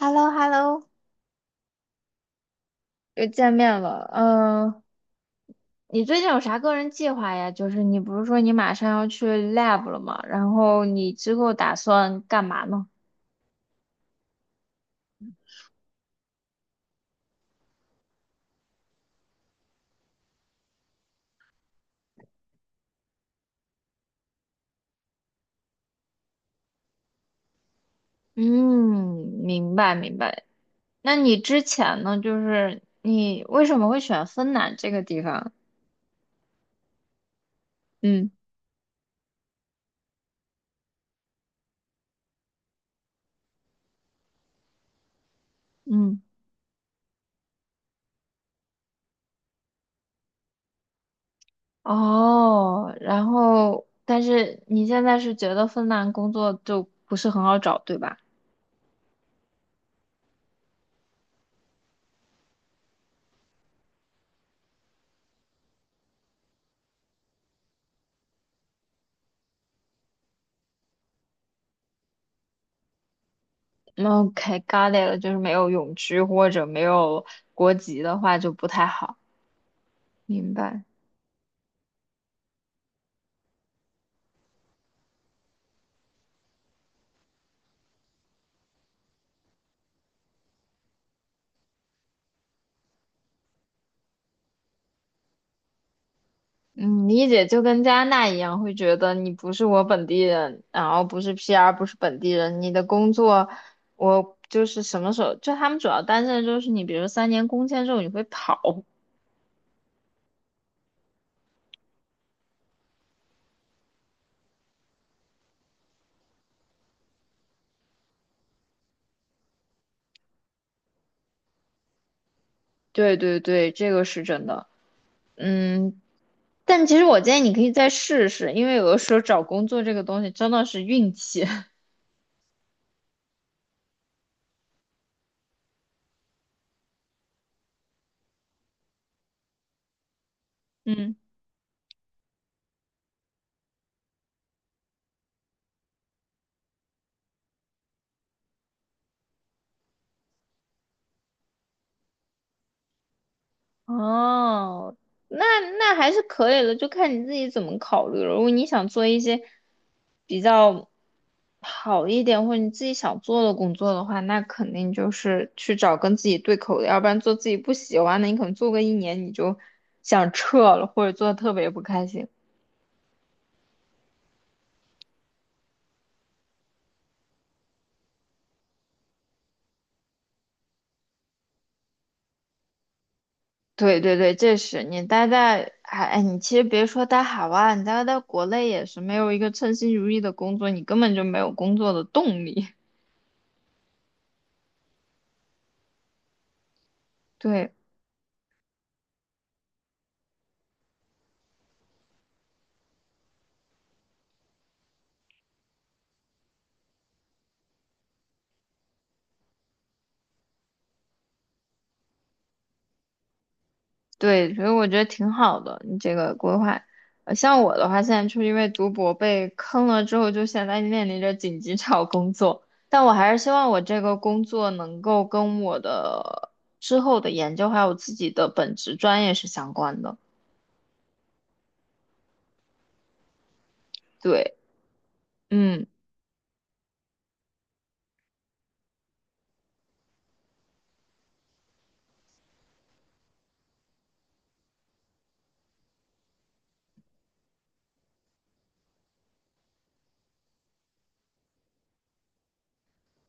h e l l o h e l l o 又见面了。嗯，你最近有啥个人计划呀？就是你不是说你马上要去 lab 了吗？然后你之后打算干嘛呢？嗯，明白明白。那你之前呢？就是你为什么会选芬兰这个地方？嗯嗯，哦，然后但是你现在是觉得芬兰工作就不是很好找，对吧？OK，got it 了，就是没有永居或者没有国籍的话就不太好。明白，嗯，理解就跟加拿大一样，会觉得你不是我本地人，然后不是 PR，不是本地人，你的工作我就是什么时候，就他们主要担心的就是你，比如说3年工签之后你会跑。对对对，这个是真的，嗯。但其实我建议你可以再试试，因为有的时候找工作这个东西真的是运气。嗯。哦，那那还是可以的，就看你自己怎么考虑了。如果你想做一些比较好一点，或者你自己想做的工作的话，那肯定就是去找跟自己对口的，要不然做自己不喜欢的，你可能做个一年你就想撤了，或者做的特别不开心。对对对，这是你待在海，哎哎，你其实别说待海外，你待在国内也是没有一个称心如意的工作，你根本就没有工作的动力。对。对，所以我觉得挺好的，你这个规划。像我的话，现在就是因为读博被坑了之后，就现在面临着紧急找工作。但我还是希望我这个工作能够跟我的之后的研究还有自己的本职专业是相关的。对，嗯，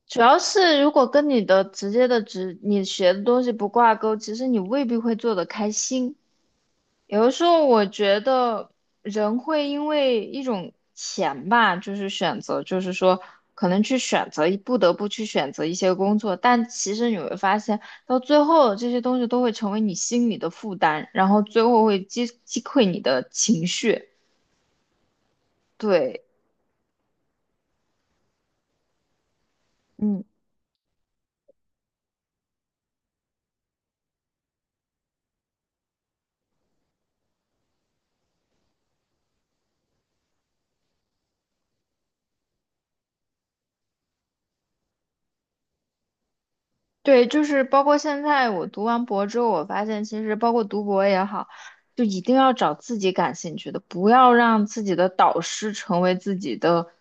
主要是如果跟你的直接的职，你学的东西不挂钩，其实你未必会做得开心。有的时候我觉得人会因为一种钱吧，就是选择，就是说可能去选择，不得不去选择一些工作，但其实你会发现，到最后这些东西都会成为你心里的负担，然后最后会击溃你的情绪。对，嗯，对，就是包括现在我读完博之后，我发现其实包括读博也好，就一定要找自己感兴趣的，不要让自己的导师成为自己的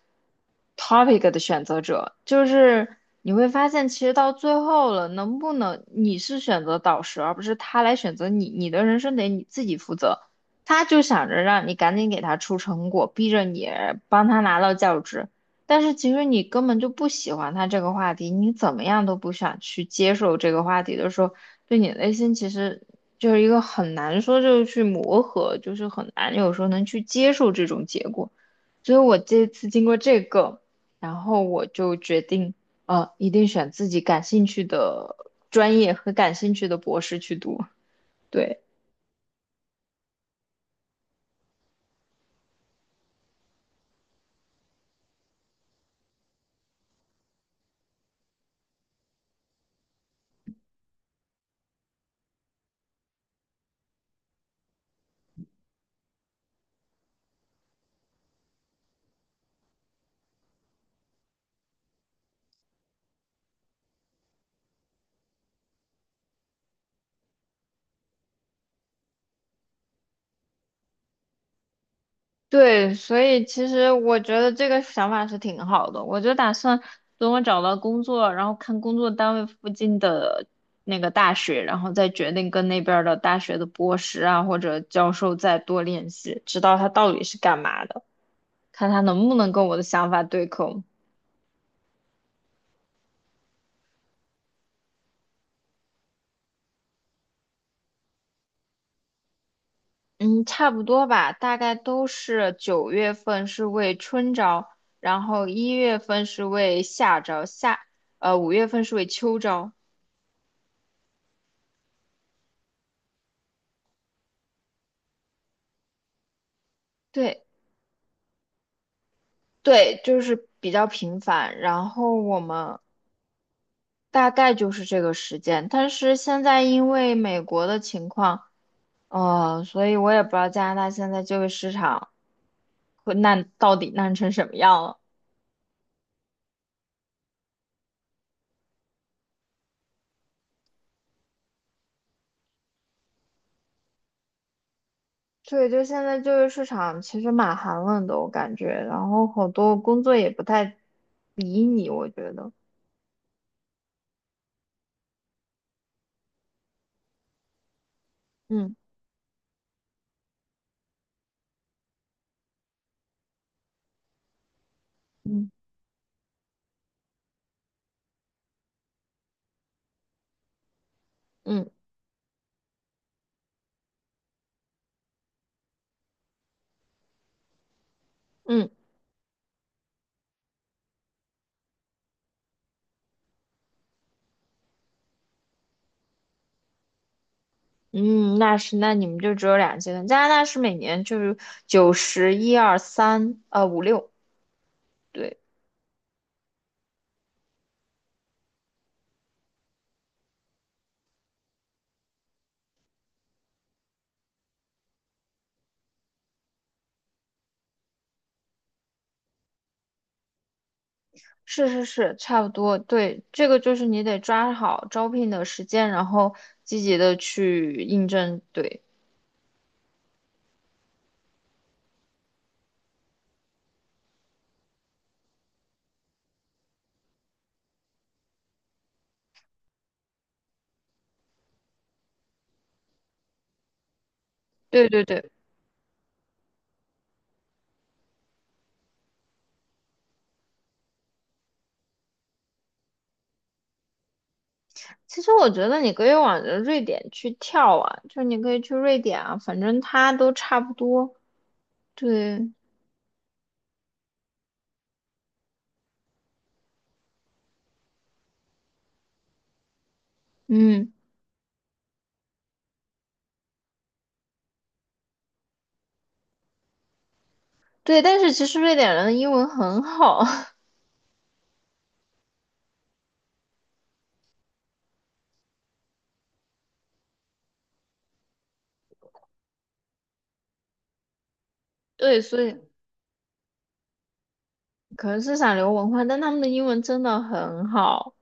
topic 的选择者。就是你会发现，其实到最后了，能不能你是选择导师，而不是他来选择你，你的人生得你自己负责。他就想着让你赶紧给他出成果，逼着你帮他拿到教职。但是其实你根本就不喜欢他这个话题，你怎么样都不想去接受这个话题的时候，对你内心其实就是一个很难说就是去磨合，就是很难有时候能去接受这种结果。所以我这次经过这个，然后我就决定，一定选自己感兴趣的专业和感兴趣的博士去读。对。对，所以其实我觉得这个想法是挺好的。我就打算等我找到工作，然后看工作单位附近的那个大学，然后再决定跟那边儿的大学的博士啊或者教授再多联系，知道他到底是干嘛的，看他能不能跟我的想法对口。嗯，差不多吧，大概都是9月份是为春招，然后1月份是为夏招，5月份是为秋招。对。对，就是比较频繁，然后我们大概就是这个时间，但是现在因为美国的情况，所以我也不知道加拿大现在就业市场会烂到底烂成什么样了。对，就现在就业市场其实蛮寒冷的，我感觉，然后好多工作也不太理你，我觉得，嗯嗯，嗯嗯嗯，那是，那你们就只有两阶段，加拿大是每年就是九十一二三，五六。对。是是是，差不多。对，这个就是你得抓好招聘的时间，然后积极的去应征。对，对对对。其实我觉得你可以往着瑞典去跳啊，就是你可以去瑞典啊，反正它都差不多。对，嗯，对。但是其实瑞典人的英文很好，对，所以可能是想留文化，但他们的英文真的很好，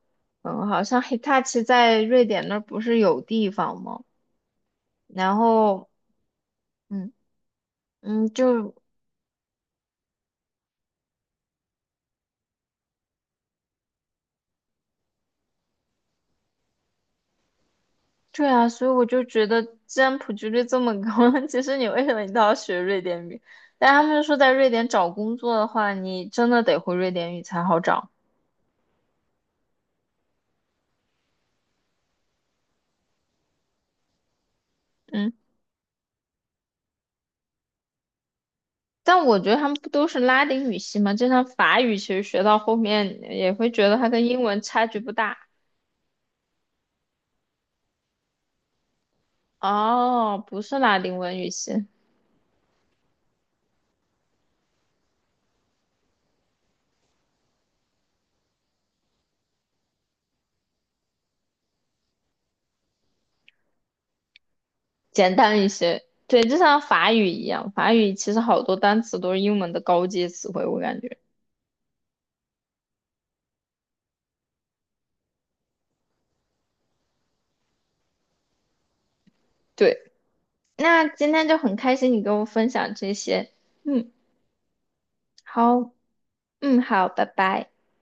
很好。像 Hitachi 在瑞典那儿不是有地方吗？然后。嗯。嗯，就对啊，所以我就觉得，既然普及率这么高，其实你为什么一定要学瑞典语？但他们说，在瑞典找工作的话，你真的得会瑞典语才好找。嗯，但我觉得他们不都是拉丁语系吗？就像法语，其实学到后面也会觉得它跟英文差距不大。哦，不是拉丁文语系，简单一些。对，就像法语一样，法语其实好多单词都是英文的高阶词汇，我感觉。对。那今天就很开心你跟我分享这些，嗯，好，嗯，好，拜拜。